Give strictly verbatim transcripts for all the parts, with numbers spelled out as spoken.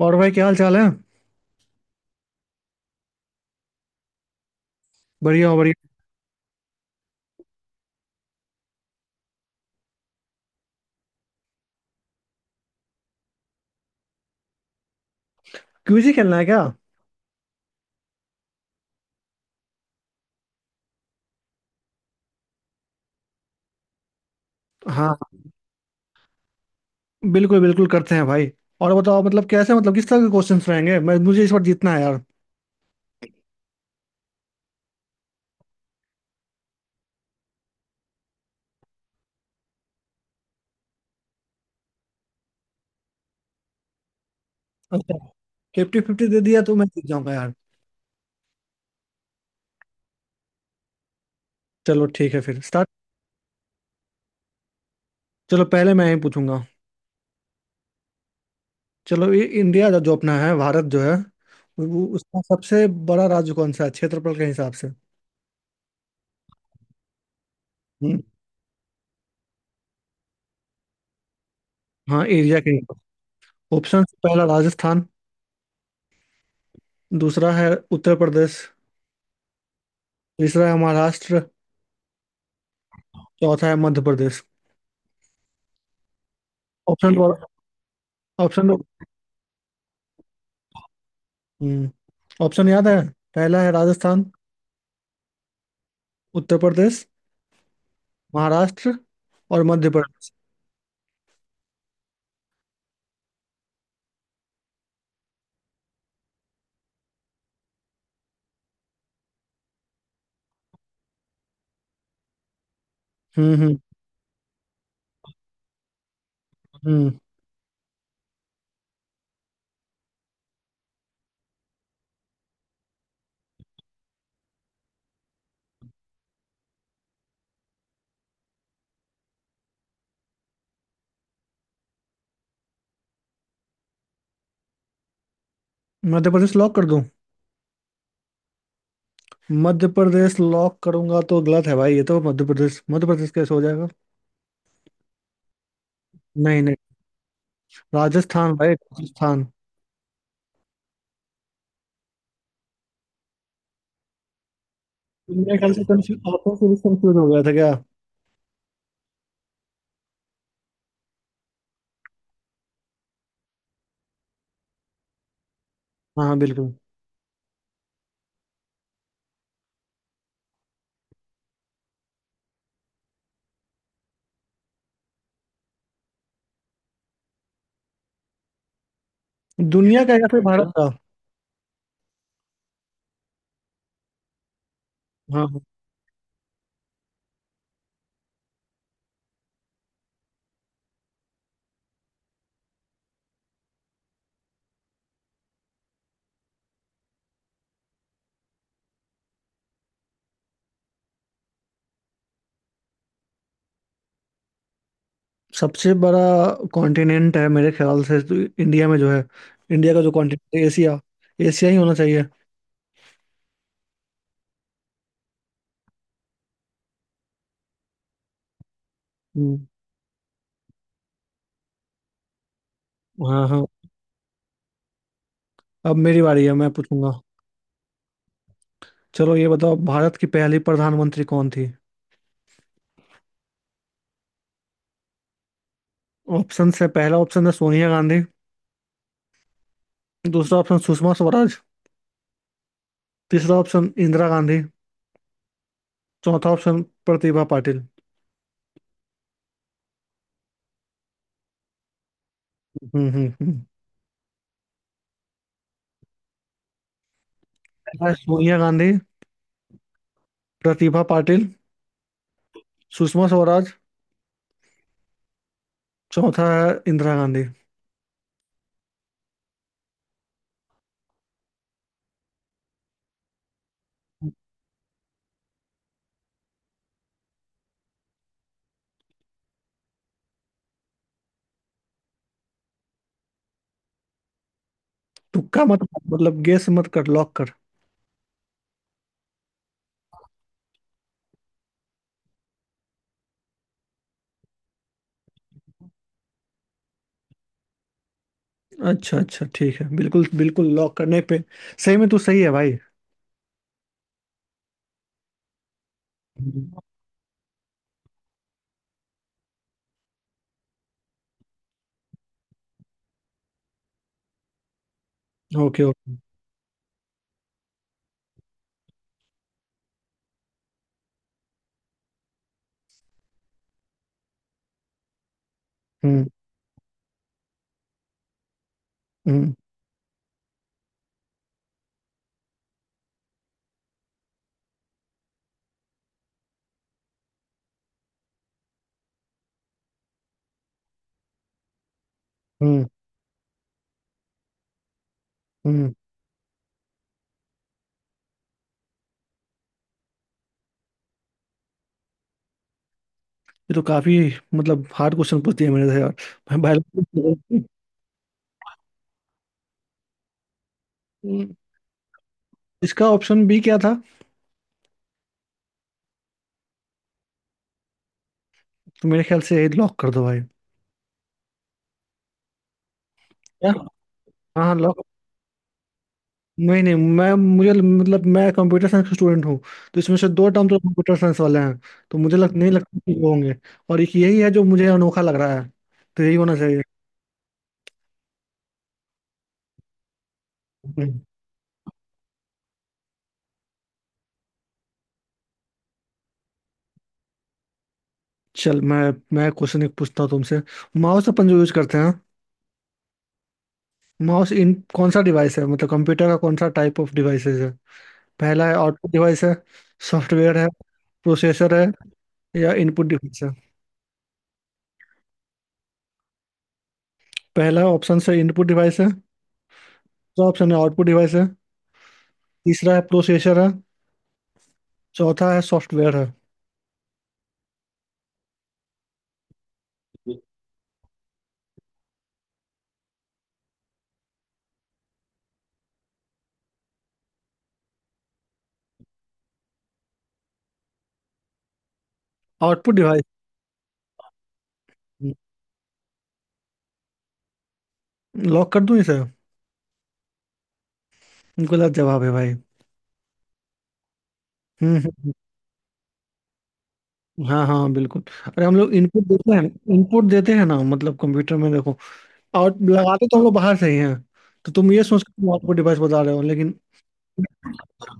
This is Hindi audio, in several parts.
और भाई क्या हाल चाल है। बढ़िया हो बढ़िया। क्विज खेलना है क्या? हाँ, बिल्कुल बिल्कुल करते हैं भाई। और बताओ, मतलब कैसे, मतलब किस तरह के क्वेश्चंस रहेंगे। मैं मुझे इस बार जीतना है यार। अच्छा, फिफ्टी फिफ्टी दे दिया तो मैं जीत जाऊंगा यार। चलो ठीक है, फिर स्टार्ट। चलो पहले मैं ही पूछूंगा। चलो ये इंडिया जो जो अपना है, भारत जो है, वो उसका सबसे बड़ा राज्य कौन सा है क्षेत्रफल के हिसाब से? हम्म। हाँ, एरिया के। ऑप्शन पहला राजस्थान। दूसरा है उत्तर प्रदेश। तीसरा है महाराष्ट्र। चौथा है मध्य प्रदेश। ऑप्शन। ऑप्शन। हम्म। ऑप्शन याद है। पहला है राजस्थान। उत्तर प्रदेश। महाराष्ट्र। और मध्य प्रदेश। हम्म हम्म हम्म। मध्य प्रदेश लॉक कर दूं? मध्य प्रदेश लॉक करूंगा तो गलत है भाई। ये तो मध्य प्रदेश, मध्य प्रदेश कैसे हो जाएगा? नहीं नहीं। राजस्थान भाई, राजस्थान। दुनिया ख्याल से कंफ्यूज, ऑप्शन से भी कंफ्यूज हो गया था क्या? हाँ हाँ, बिल्कुल। दुनिया का या फिर भारत का? हाँ हाँ। सबसे बड़ा कॉन्टिनेंट है मेरे ख्याल से तो, इंडिया में जो है, इंडिया का जो कॉन्टिनेंट है, एशिया। एशिया ही होना चाहिए। हम्म। हाँ हाँ, अब मेरी बारी है, मैं पूछूंगा। चलो ये बताओ, भारत की पहली प्रधानमंत्री कौन थी? ऑप्शन है, पहला ऑप्शन है सोनिया गांधी। दूसरा ऑप्शन सुषमा स्वराज। तीसरा ऑप्शन इंदिरा गांधी। चौथा ऑप्शन प्रतिभा पाटिल। हम्म हम्म हम्म। पहला है सोनिया गांधी। प्रतिभा पाटिल। सुषमा स्वराज। चौथा है इंदिरा गांधी। तुक्का मत। मतलब गेस मत कर, लॉक कर। अच्छा अच्छा, ठीक है, बिल्कुल बिल्कुल लॉक करने पे। सही में तू सही है भाई। Okay okay. हम्म हम्म हम्म। हम्म। ये तो काफी, मतलब हार्ड क्वेश्चन पूछ दिया मेरे से यार। मैं बायोलॉजी। हम्म। इसका ऑप्शन बी क्या था? तो मेरे ख्याल से लॉक कर दो भाई। क्या? हाँ, लॉक। नहीं नहीं, मैं मुझे मतलब, मैं कंप्यूटर साइंस का स्टूडेंट हूँ। तो इसमें से दो टर्म तो कंप्यूटर साइंस वाले हैं। तो मुझे लग नहीं लगता कि वो होंगे। और एक यही है जो मुझे अनोखा लग रहा है। तो यही होना चाहिए। हम्म। चल मैं मैं क्वेश्चन एक पूछता हूँ तुमसे। माउस अपन जो यूज करते हैं, माउस इन कौन सा डिवाइस है, मतलब कंप्यूटर का कौन सा टाइप ऑफ डिवाइसेस? पहला है आउटपुट डिवाइस है। सॉफ्टवेयर है। प्रोसेसर है। या इनपुट डिवाइस है। पहला ऑप्शन से इनपुट डिवाइस है। दूसरा ऑप्शन है आउटपुट डिवाइस है। तीसरा है प्रोसेसर है। चौथा है सॉफ्टवेयर है। आउटपुट डिवाइस लॉक कर दूं इसे? गलत जवाब है भाई। हम्म हम्म, हम्म। हाँ हाँ बिल्कुल, अरे हम लोग इनपुट देते हैं। इनपुट देते हैं ना, मतलब कंप्यूटर में देखो, आउट लगाते तो हम लोग बाहर से ही हैं। तो तुम ये सोच के आउटपुट डिवाइस बता रहे हो, लेकिन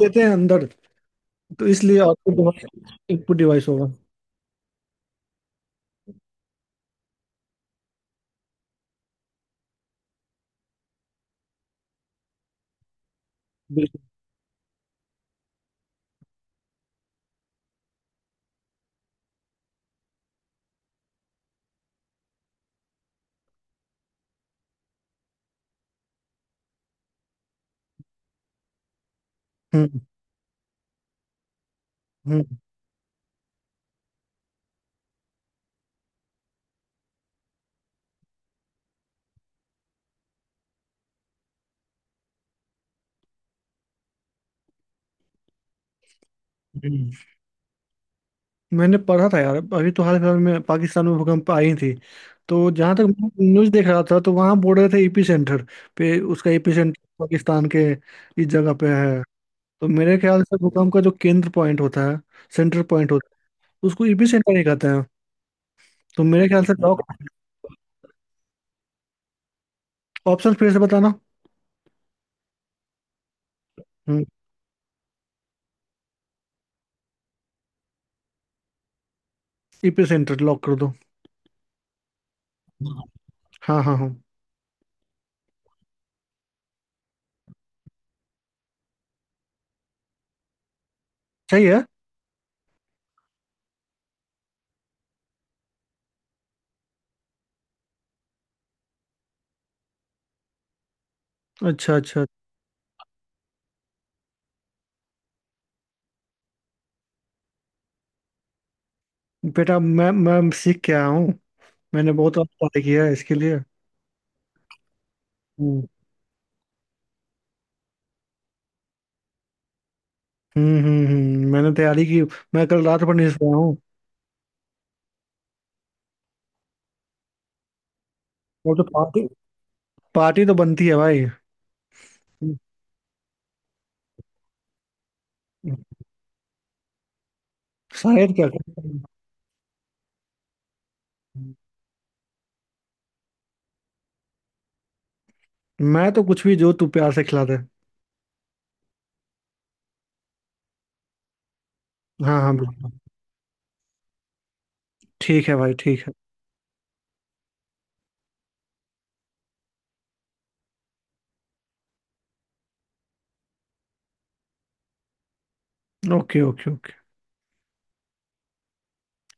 देते हैं अंदर। तो इसलिए आउटपुट डिवाइस, इनपुट डिवाइस होगा। बिल्कुल। हम्म हम्म। हम्म। मैंने पढ़ा था यार, अभी तो हाल फिलहाल में पाकिस्तान में भूकंप आई थी। तो जहां तक मैं न्यूज देख रहा था, तो वहां बोल रहे थे एपी सेंटर पे, उसका एपी सेंटर पाकिस्तान के इस जगह पे है। तो मेरे ख्याल से भूकंप का जो केंद्र पॉइंट होता है, सेंटर पॉइंट होता है, उसको एपी सेंटर ही कहते हैं। तो मेरे ख्याल से लॉक। ऑप्शन फिर से बताना। एपी सेंटर लॉक कर दो। हाँ हाँ हाँ। सही है। अच्छा अच्छा। बेटा मैं मैं सीख के आया हूँ। मैंने बहुत पढ़ाई किया है इसके लिए। हम्म। हम्म हम्म हम्म, मैंने तैयारी की। मैं कल रात पर नहीं सोया हूँ। और तो पार्टी, पार्टी तो बनती है भाई। हम्म। शायद क्या? मैं तो कुछ भी जो तू प्यार से खिला दे। हाँ हाँ बिल्कुल। ठीक है भाई, ठीक है। Okay okay okay.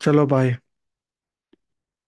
चलो, बाय।